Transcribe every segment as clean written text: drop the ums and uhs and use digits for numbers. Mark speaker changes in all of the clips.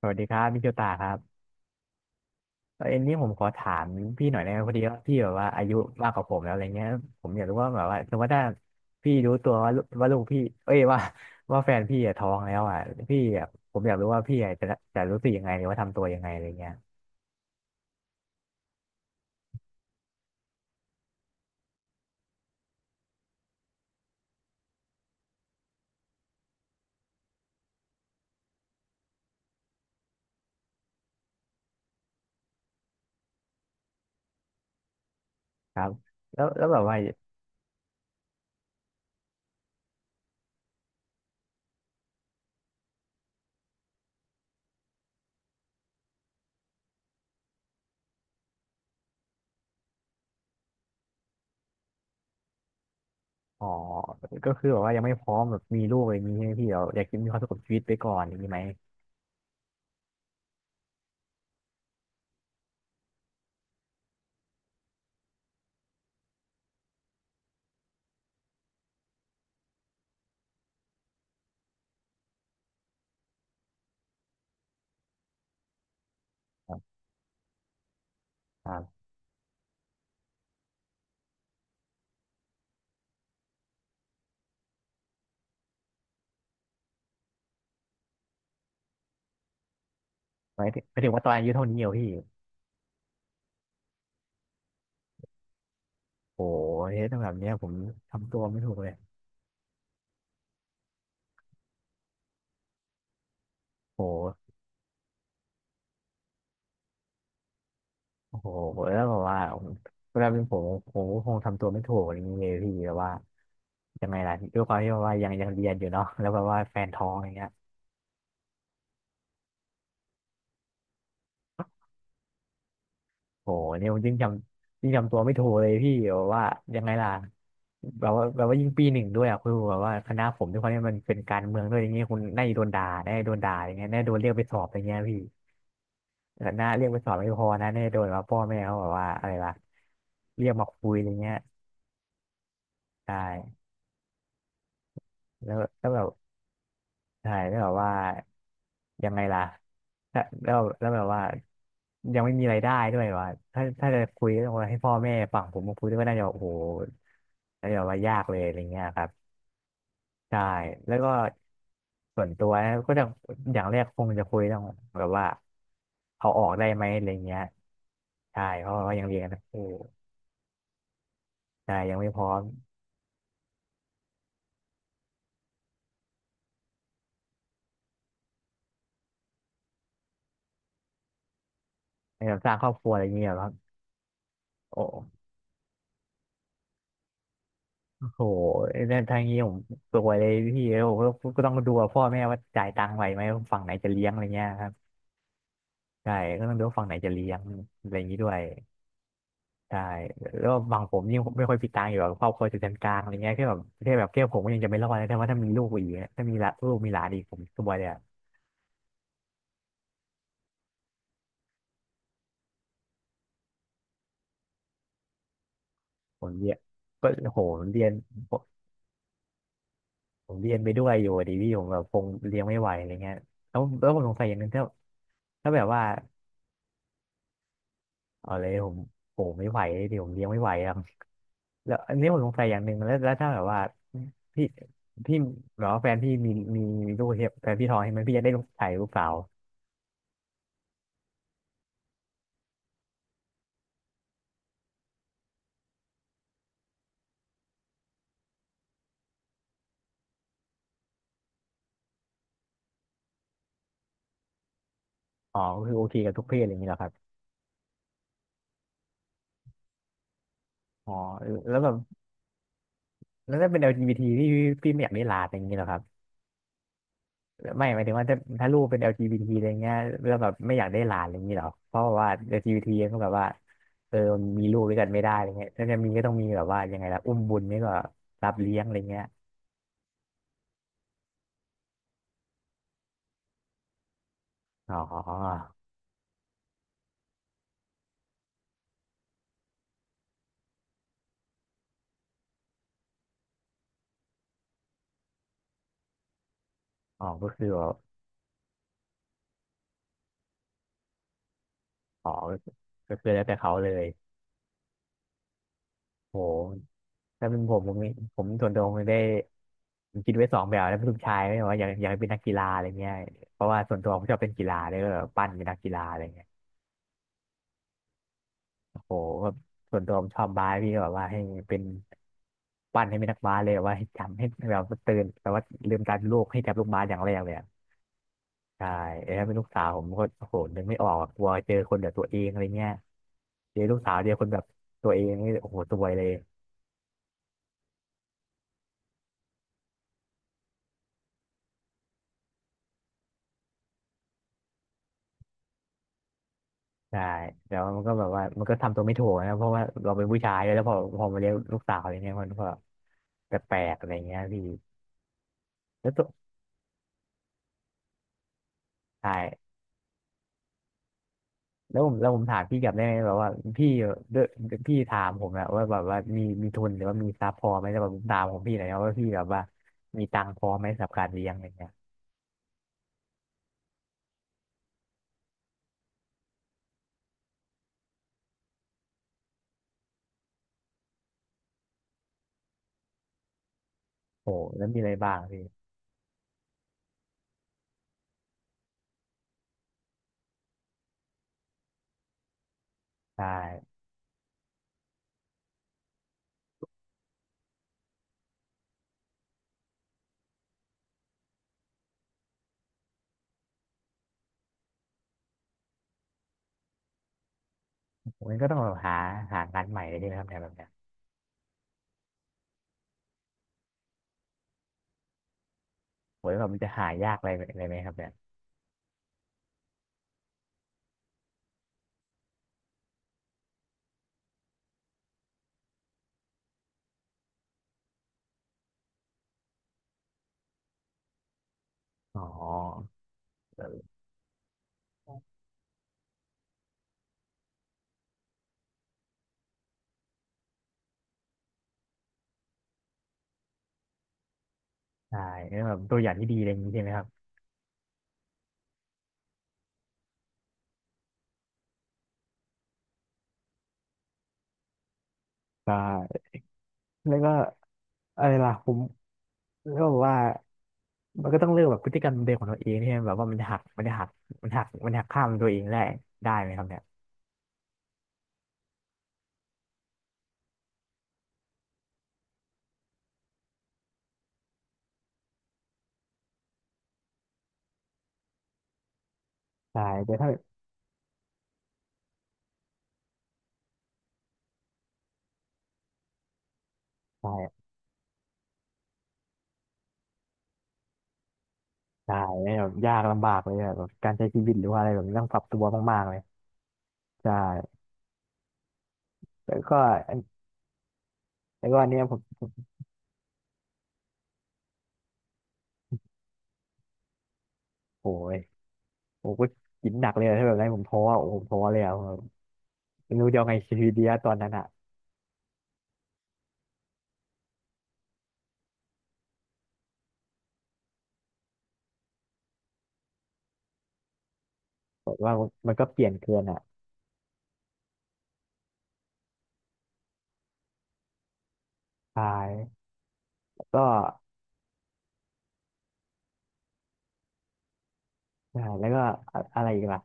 Speaker 1: สวัสดีครับพี่โจตาครับเอ็นนี้ผมขอถามพี่หน่อยได้ไหมพอดีว่าพี่แบบว่าอายุมากกว่าผมแล้วอะไรเงี้ยผมอยากรู้ว่าแบบว่าสมมติว่าถ้าพี่รู้ตัวว่าลูกพี่เอ้ยว่า ว่าแฟนพี่อะท้องแล้วอ่ะพี่อะผมอยากรู้ว่าพี่อะจะจะรู้สึกยังไงหรือว่าทำตัวยังไงอะไรเงี้ยครับแล้วแบบว่าอ๋อก็คือแบบว่ายังไม่พร้อมแบบมีลูกอะไรอย่างงี้ใช่ไหมพี่เราอยากมีความสุขกับชีวิตไปก่อนอย่างนี้ไหมครับครับหมายถึงว่าตอนอายุเท่านี้เหรอพี่โอ้โหเฮ้ยถ้าแบบเนี้ยผมทำตัวไม่ถูกเลยโห โอ้โหแล้วแบบว่าผมเวลาเป็นผมผมก็คงทำตัวไม่ถูกอย่างนี้เลยพี่แบบว่ายังไงล่ะด้วยความที่แบบว่ายังเรียนอยู่เนาะ แล้วแบบว่าแฟนท้องอย่างเงี้ยโอ้โหเนี่ยผมยิ่งจำยิ่งจำตัวไม่ถูกเลยพี่แบบว่ายังไงล่ะแบบว่ายิ่งปีหนึ่งด้วยอ่ะคือแบบว่าคณะผมด้วยความที่มันเป็นการเมืองด้วยอย่างเงี้ยคุณน่าจะโดนด่าแน่าจะโดนด่าอย่างเงี้ยน่าจะโดนเรียกไปสอบอย่างเงี้ยพี่แต่น่าเรียกไปสอบไม่พอนะน่าจะโดนว่าพ่อแม่เขาแบบว่าอะไรล่ะเรียกมาคุยอย่างเงี้ยใช่แล้วแบบ ใช่แล้วแบบว่ายังไงล่ะแล้วแบบว่ายังไม่มีรายได้ด้วยว่าถ้าจะคุยต้องให้พ่อแม่ฝั่งผมมาคุยด้วยก็น่าจะโอ้โหน่าจะว่ายากเลยอะไรเงี้ยครับใช่แล้วก็ส่วนตัวนะก็จะอย่างแรกคงจะคุยต้องแบบว่าเอาออกได้ไหมอะไรเงี้ยใช่เพราะว่ายังเรียนนะโอ้ใช่ยังไม่พร้อมในการสร้างครอบครัวอะไรเงี้ยหรอครับโอ้ โหนั่นทางนี้ผมสวยเลยพี่เล้ยผมก็ก็ต้องดูว่าพ่อแม่ว่าจ่ายตังค์ไหวไหมว่าฝั่งไหนจะเลี้ยงอะไรเงี้ยครับใช่ก็ต้องดูว่าฝั่งไหนจะเลี้ยงอะไรอย่างนี้ด้วยใช่แล้วฝั่งผมยิ่งไม่ค่อยมีตังค์อยู่แบบครอบครัวจะเป็นกลางอะไรเงี้ยแค่แบบแค่แบบแค่ผมก็ยังจะไม่รอดเลยแต่ว่าถ้ามีลูกอีกอะถ้ามีละลูกมีหลานอีกผมสบายเลยอะผมเรียนก็โหผมเรียนผมผมเรียนไปด้วยอยู่อะดิพี่ผมแบบคงเลี้ยงไม่ไหวอะไรเงี้ยแล้วผมสงสัยอย่างหนึงถ้าแบบว่าเอาเลยผมโอ้ไม่ไหวดิผมเลี้ยงไม่ไหวอะ แล้วอันนี้ผมสงสัยอย่างหนึ่งแล้วถ้าแบบว่าพี่พี่แบบว่าแฟนพี่มีมีลูกเนี่ยแฟนพี่ท้องใช่ไหมพี่จะได้ลูกชายลูกสาวอ๋อก็คือโอเคกับทุกเพศอะไรอย่างนี้เหรอครับอ๋อแล้วแบบแล้วถ้าเป็น LGBT พี่ไม่อยากได้หลานอะไรอย่างนี้เหรอครับไม่หมายถึงว่าถ้าลูกเป็นแอลจีบีท t อะไรเงี้ยแล้วแบบไม่อยากได้หลานอะไรอย่างนี้เหรอเพราะว่า LGBT ก็แบบว่าเออมมีลูกด้วยกันไม่ได้อะไรเงี้ยถ้าจะมีก็ต้องมีแบบว่ายังไงล่ะอุ้มบุญไม่ก็รับเลี้ยงอะไรเงี้ยอ๋ออ๋อก็คือแบบอ๋อก็คือแล้วแต่เขาเลย โหถ้าเป็นผมผมส่วนตัวผมได้ผมคิดไว้สองแบบแล้วเป็นลูกชายไม่ว่าอยากเป็นนักกีฬาอะไรเงี้ยเพราะว่าส่วนตัวผมชอบเป็นกีฬาเลยก็แบบปั้นเป็นนักกีฬาอะไรเงี้ยโอ้โหแบบส่วนตัวผมชอบบาสพี่ก็แบบว่าให้เป็นปั้นให้เป็นนักบาสเลยแบบว่าให้จำให้แบบว่าตื่นแบบว่าลืมตาดูโลกให้จับลูกบาสอย่างแรกเลยอะใช่แล้วถ้าเป็นลูกสาวผมก็โอ้โหนึกไม่ออกอะกลัวเจอคนแบบตัวเองอะไรเงี้ยเจอลูกสาวเจอคนแบบตัวเองนี่โอ้โหตัวยเลย ใช่แต่ว่ามันก็แบบว่ามันก็ทำตัวไม่ถูกนะเพราะว่าเราเป็นผู้ชายด้วยแล้วพอมาเลี้ยงลูกสาวอะไรเงี้ยมันก็แปลกๆอะไรเงี้ยพี่แล้วตัวใช่แล้วผมถามพี่กลับได้ไหมแบบว่าพี่ด้วยพี่ถามผมอะว่าแบบว่ามีทุนหรือว่ามีทรัพย์พอไหมแล้วแบบผมถามของพี่หน่อยนะว่าพี่แบบว่ามีตังค์พอไหมสำหรับการเลี้ยงอะไรเงี้ยโอ้โหแล้วมีอะไรบ้างพี่ใช่ผมนก็ต้องแบบหางานใหม่เลยใช่ไหมครับเนี่ยแบบเนี้ยโหแล้วแบบมันจะหายากอะไรอะไรไหมครับเนี่ยอ๋อใช่แล้วแบบตัวอย่างที่ดีอะไรอย่างนี้ใช่ไหมครับ ใช่แล้วก็อะไรล่ะผมก็บอกว่ามันก็ต้องเลือกแบบพฤติกรรมเดิมของตัวเองที่แบบว่ามันจะหักมันหักข้ามตัวเองได้ได้ไหมครับเนี่ยใช่แต่ถ้าใช่ใช่่ยแบบยากลำบากเลยอะแบบการใช้ชีวิตหรือว่าอะไรแบบนี้ต้องปรับตัวมากๆเลยใช่แล้วก็อันแล้วก็อันเนี้ยผมโอ้ยผมก็กินหนักเลยอะถ้าแบบนั้นผมท้ออะโอ้ผมท้อเลยอะผมไม่รู้จะเอาไงชีวิตดีอะตอนนั้นอะบอกว่ามันก็เปลี่ยนเกินอะใช่แล้วก็ ใช่แล้วก็อะอะไรอีกล่ะ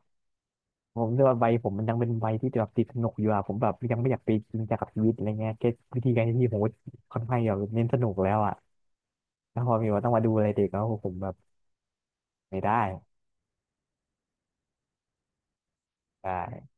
Speaker 1: ผมรู้สึกว่าวัยผมมันยังเป็นวัยที่แบบติดสนุกอยู่อะผมแบบยังไม่อยากไปจริงจังกับชีวิตอะไรเงี้ยแค่วิธีการที่ผมก็ค่อนข้างแบบเน้นสนุกแล้วอะแล้วพอมีว่าต้องมาดูอะไรเด็กแล้วผมแบบไม่ได้ใช่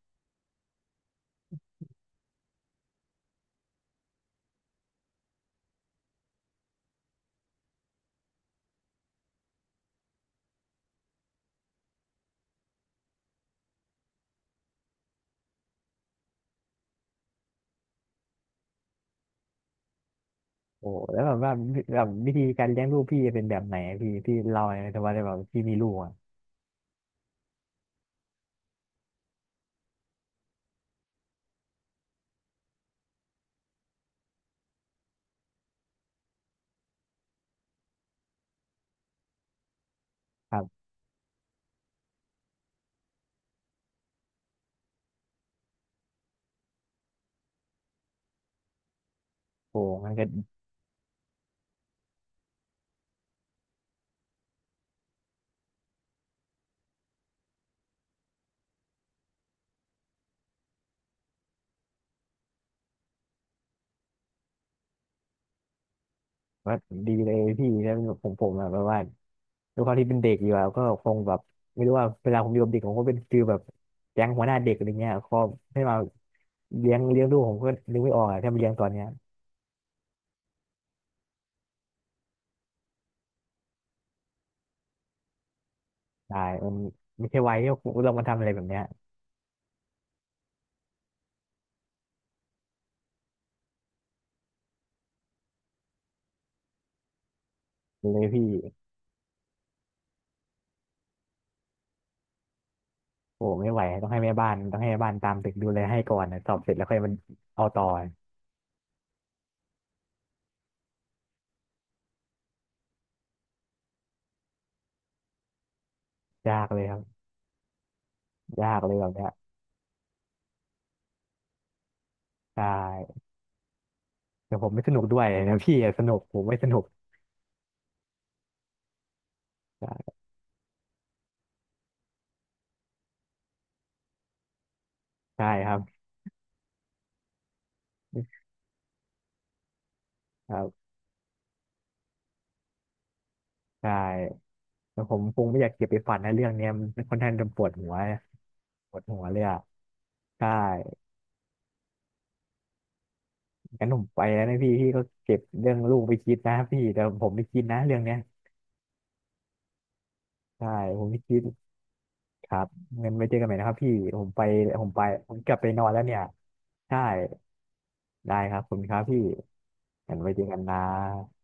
Speaker 1: โอ้แล้วแบบว่าแบบวิธีการเลี้ยงลูกพี่เป็นแบบไหนอะพี่เล่าหน่อยแต่ว่าได้แบบพี่มีลูกอะครับโอ้มันก็ ว่าดีเลยพี่แล้วผมอะแบบว่าด้วยความที่เป็นเด็กอยู่อะก็คงแบบไม่รู้ว่าเวลาผมอยู่กับเด็กผมก็เป็นฟีลแบบแก๊งหัวหน้าเด็กอะไรเงี้ยก็ให้มาเลี้ยงลูกผมก็นึกไม่ออกอะถ้ามาเลี้ยงตอนเนี้ยได้มันไม่ใช่วัยที่ผมเรามาทำอะไรแบบเนี้ยเลยพี่โอ้ไม่ไหวต้องให้แม่บ้านต้องให้แม่บ้านตามตึกดูแลให้ก่อนนะสอบเสร็จแล้วค่อยมันเอาต่อยากเลยครับยากเลยแบบเนี้ยใช่แต่ผมไม่สนุกด้วยนะพี่อะสนุกผมไม่สนุกใช่ใช่ครับครับใช่ แต่ผมคงไม่อยากเก็บไปฝันในะเรื่องเนี้ยมันค่อนข้างจะปวดหัวเลยอ่ะใช่งั้นผมไปแล้วนะพี่พี่ก็เก็บเรื่องลูกไปคิดนะพี่แต่ผมไม่คิดนะเรื่องเนี้ยใช่ผมไม่คิดครับงั้นไว้เจอกันใหม่นะครับพี่ผมไปผมไปผมกลับไปนอนแล้วเนี่ยใช่ได้ครับขอบคุณครับพี่งั้นไว้เจอกันนะ